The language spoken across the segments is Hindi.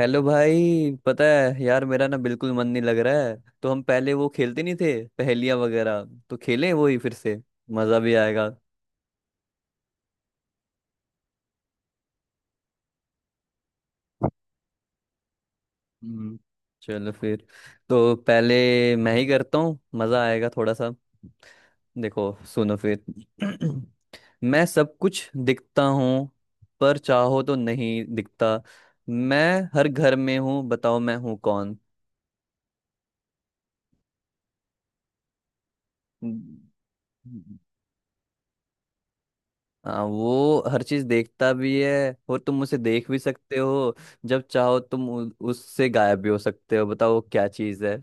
हेलो भाई पता है यार मेरा ना बिल्कुल मन नहीं लग रहा है। तो हम पहले वो खेलते नहीं थे, पहेलियां वगैरह। तो खेलें वो ही फिर से, मज़ा भी आएगा। हम्म, चलो फिर। तो पहले मैं ही करता हूँ, मज़ा आएगा थोड़ा सा। देखो सुनो फिर। मैं सब कुछ दिखता हूँ, पर चाहो तो नहीं दिखता। मैं हर घर में हूँ, बताओ मैं हूँ कौन। हाँ वो हर चीज देखता भी है और तुम उसे देख भी सकते हो। जब चाहो तुम उससे गायब भी हो सकते हो, बताओ वो क्या चीज है।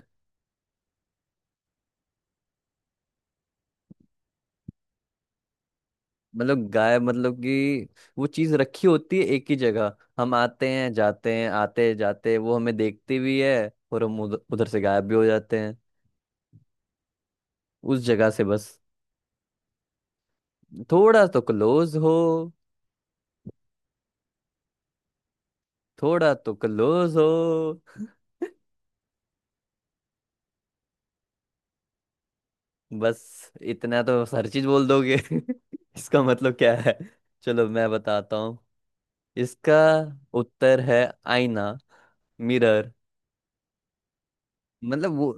मतलब गायब मतलब कि वो चीज रखी होती है एक ही जगह, हम आते हैं जाते हैं आते हैं जाते हैं, वो हमें देखती भी है और हम उधर से गायब भी हो जाते हैं उस जगह से बस। थोड़ा तो क्लोज हो। थोड़ा तो क्लोज हो। बस इतना तो हर चीज बोल दोगे। इसका मतलब क्या है, चलो मैं बताता हूँ। इसका उत्तर है आईना, मिरर। मतलब वो,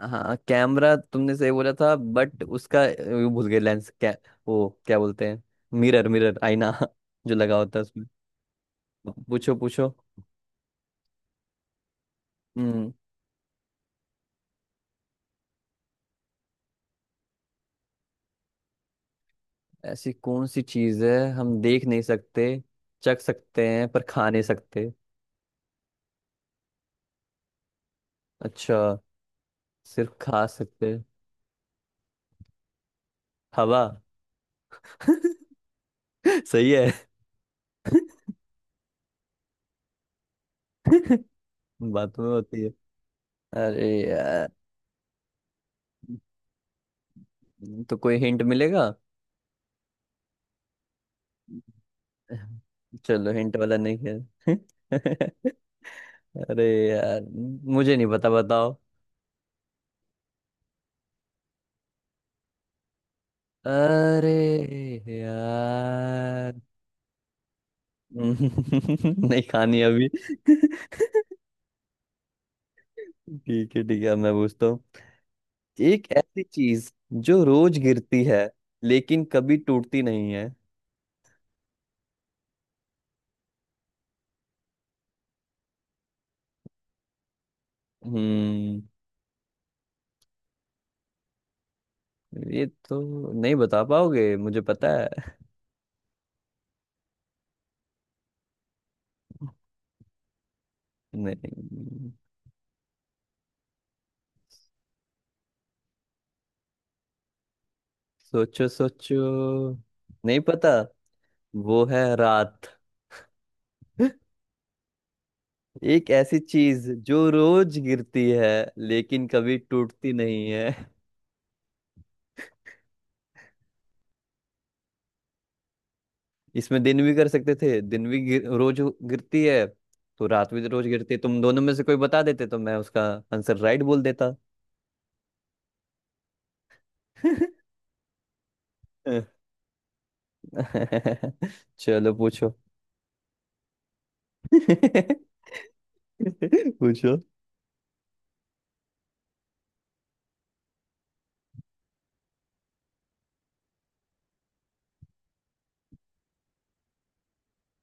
हाँ कैमरा तुमने सही बोला था बट उसका वो भूल गए लेंस क्या, वो क्या बोलते हैं, मिरर मिरर आईना। जो लगा होता है उसमें। पूछो पूछो। हम्म। ऐसी कौन सी चीज है हम देख नहीं सकते, चख सकते हैं पर खा नहीं सकते। अच्छा, सिर्फ खा सकते हैं। हवा। सही है। बातों में होती है। अरे यार, तो कोई हिंट मिलेगा। चलो हिंट वाला नहीं खेल। अरे यार मुझे नहीं पता बताओ। अरे यार। नहीं खानी अभी। ठीक है अब मैं पूछता हूँ। एक ऐसी चीज जो रोज गिरती है लेकिन कभी टूटती नहीं है। हम्म, ये तो नहीं बता पाओगे मुझे पता है। नहीं, सोचो सोचो। नहीं पता, वो है रात। एक ऐसी चीज जो रोज गिरती है लेकिन कभी टूटती नहीं है। इसमें दिन भी कर सकते थे, रोज गिरती है तो रात भी रोज गिरती है। तुम दोनों में से कोई बता देते तो मैं उसका आंसर राइट बोल देता। चलो पूछो। पूछो।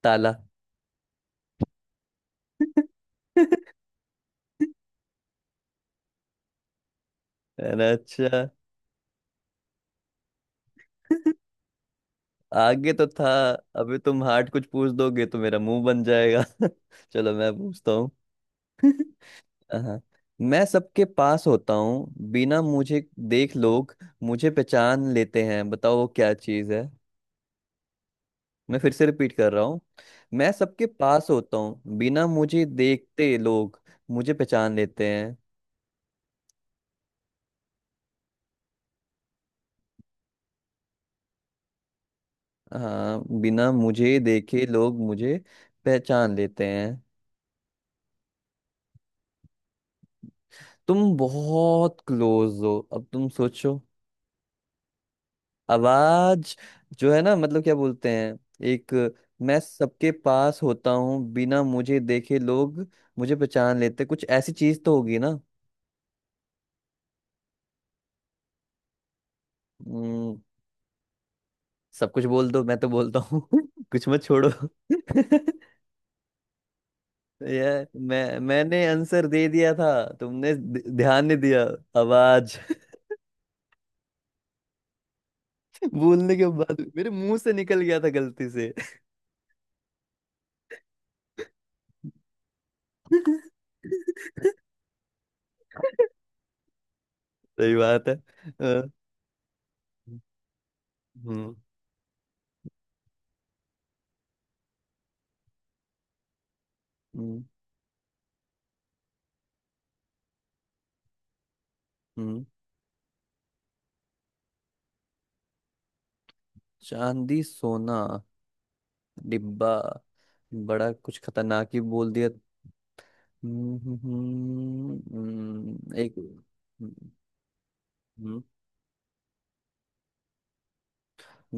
ताला। अरे अच्छा। आगे तो था, अभी तुम हार्ड कुछ पूछ दोगे तो मेरा मुंह बन जाएगा। चलो मैं पूछता हूँ। हाँ, मैं सबके पास होता हूँ बिना मुझे देख लोग मुझे पहचान लेते हैं, बताओ वो क्या चीज़ है। मैं फिर से रिपीट कर रहा हूँ। मैं सबके पास होता हूँ बिना मुझे देखते लोग मुझे पहचान लेते हैं। हाँ बिना मुझे देखे लोग मुझे पहचान लेते हैं। तुम बहुत क्लोज हो, अब तुम सोचो। आवाज जो है ना, मतलब क्या बोलते हैं, एक, मैं सबके पास होता हूँ बिना मुझे देखे लोग मुझे पहचान लेते, कुछ ऐसी चीज तो होगी ना। हम्म, सब कुछ बोल दो मैं तो बोलता हूँ। कुछ मत छोड़ो। यार मैंने आंसर दे दिया था, तुमने ध्यान नहीं दिया, आवाज। बोलने के बाद मेरे मुंह से निकल गया था गलती से। सही बात है। अ, हम्म हम्म हम्म चांदी सोना, डिब्बा बड़ा कुछ खतरनाक ही बोल दिया। हम्म, एक हम्म,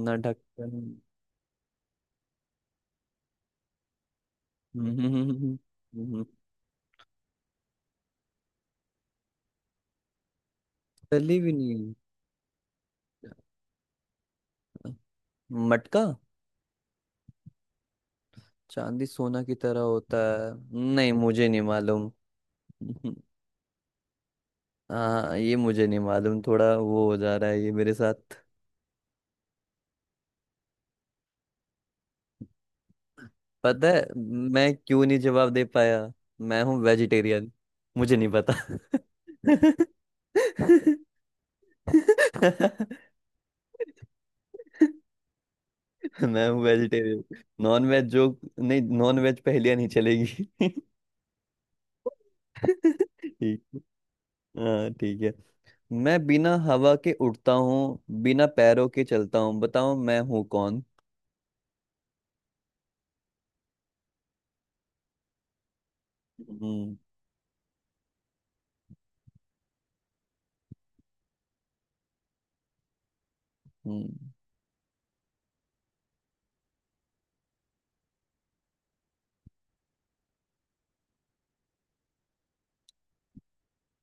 ना ढक्कन। हम्म, हम्म, हम्म, हम्म, तली भी नहीं है। मटका। चांदी सोना की तरह होता है। नहीं मुझे नहीं मालूम। हम्म, हाँ ये मुझे नहीं मालूम, थोड़ा वो हो जा रहा है ये मेरे साथ। पता है मैं क्यों नहीं जवाब दे पाया, मैं हूँ वेजिटेरियन, मुझे नहीं पता। मैं हूँ वेजिटेरियन, नॉन वेज जो, नहीं नॉन वेज पहेलियां नहीं चलेगी। ठीक है, हाँ ठीक है। मैं बिना हवा के उड़ता हूँ बिना पैरों के चलता हूँ, बताओ मैं हूँ कौन। हम्म। हम्म,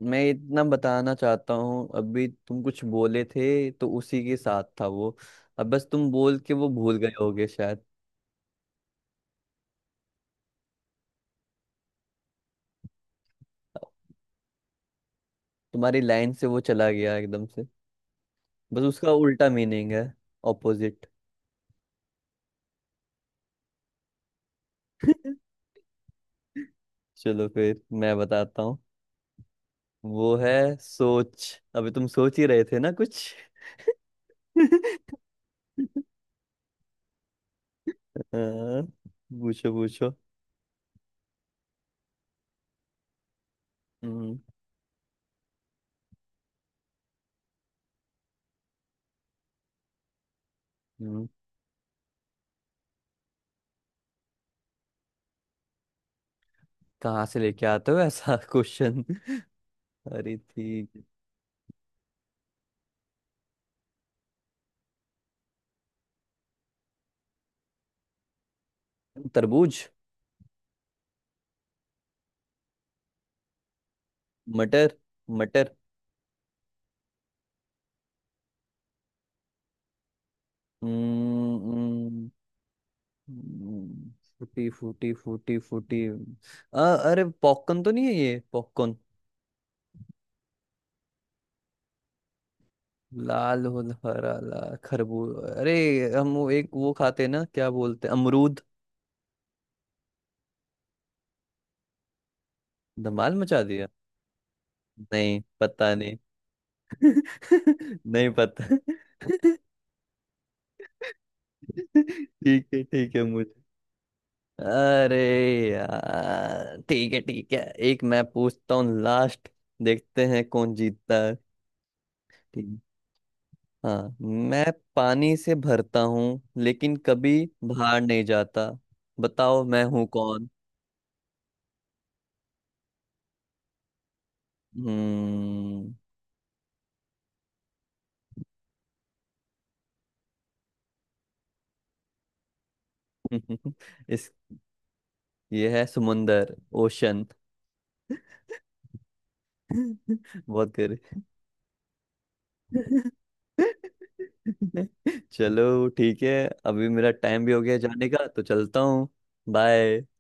मैं इतना बताना चाहता हूँ अभी तुम कुछ बोले थे तो उसी के साथ था वो। अब बस तुम बोल के वो भूल गए होगे शायद। तुम्हारी लाइन से वो चला गया एकदम से। बस उसका उल्टा मीनिंग है, ऑपोजिट। चलो फिर मैं बताता हूँ। वो है सोच, अभी तुम सोच ही रहे थे ना कुछ। हाँ, पूछो पूछो। हम्म हम्म, कहाँ से लेके आते हो ऐसा क्वेश्चन। अरे ठीक। तरबूज। मटर मटर। हम्म। हम्म, फूटी फूटी फूटी फूटी। आ, अरे पॉपकॉर्न तो नहीं है ये पॉपकॉर्न। लाल हो, हरा लाल खरबूज, अरे हम वो एक वो खाते हैं ना क्या बोलते हैं, अमरूद। धमाल मचा दिया। नहीं पता नहीं। नहीं पता। ठीक है मुझे। अरे यार ठीक है ठीक है। एक मैं पूछता हूँ लास्ट, देखते हैं कौन जीतता है। ठीक। हाँ, मैं पानी से भरता हूँ लेकिन कभी बाहर नहीं जाता, बताओ मैं हूँ कौन। हम्म। इस, ये है समुंदर, ओशन। बहुत करे। चलो ठीक है, अभी मेरा टाइम भी हो गया जाने का तो चलता हूँ। बाय।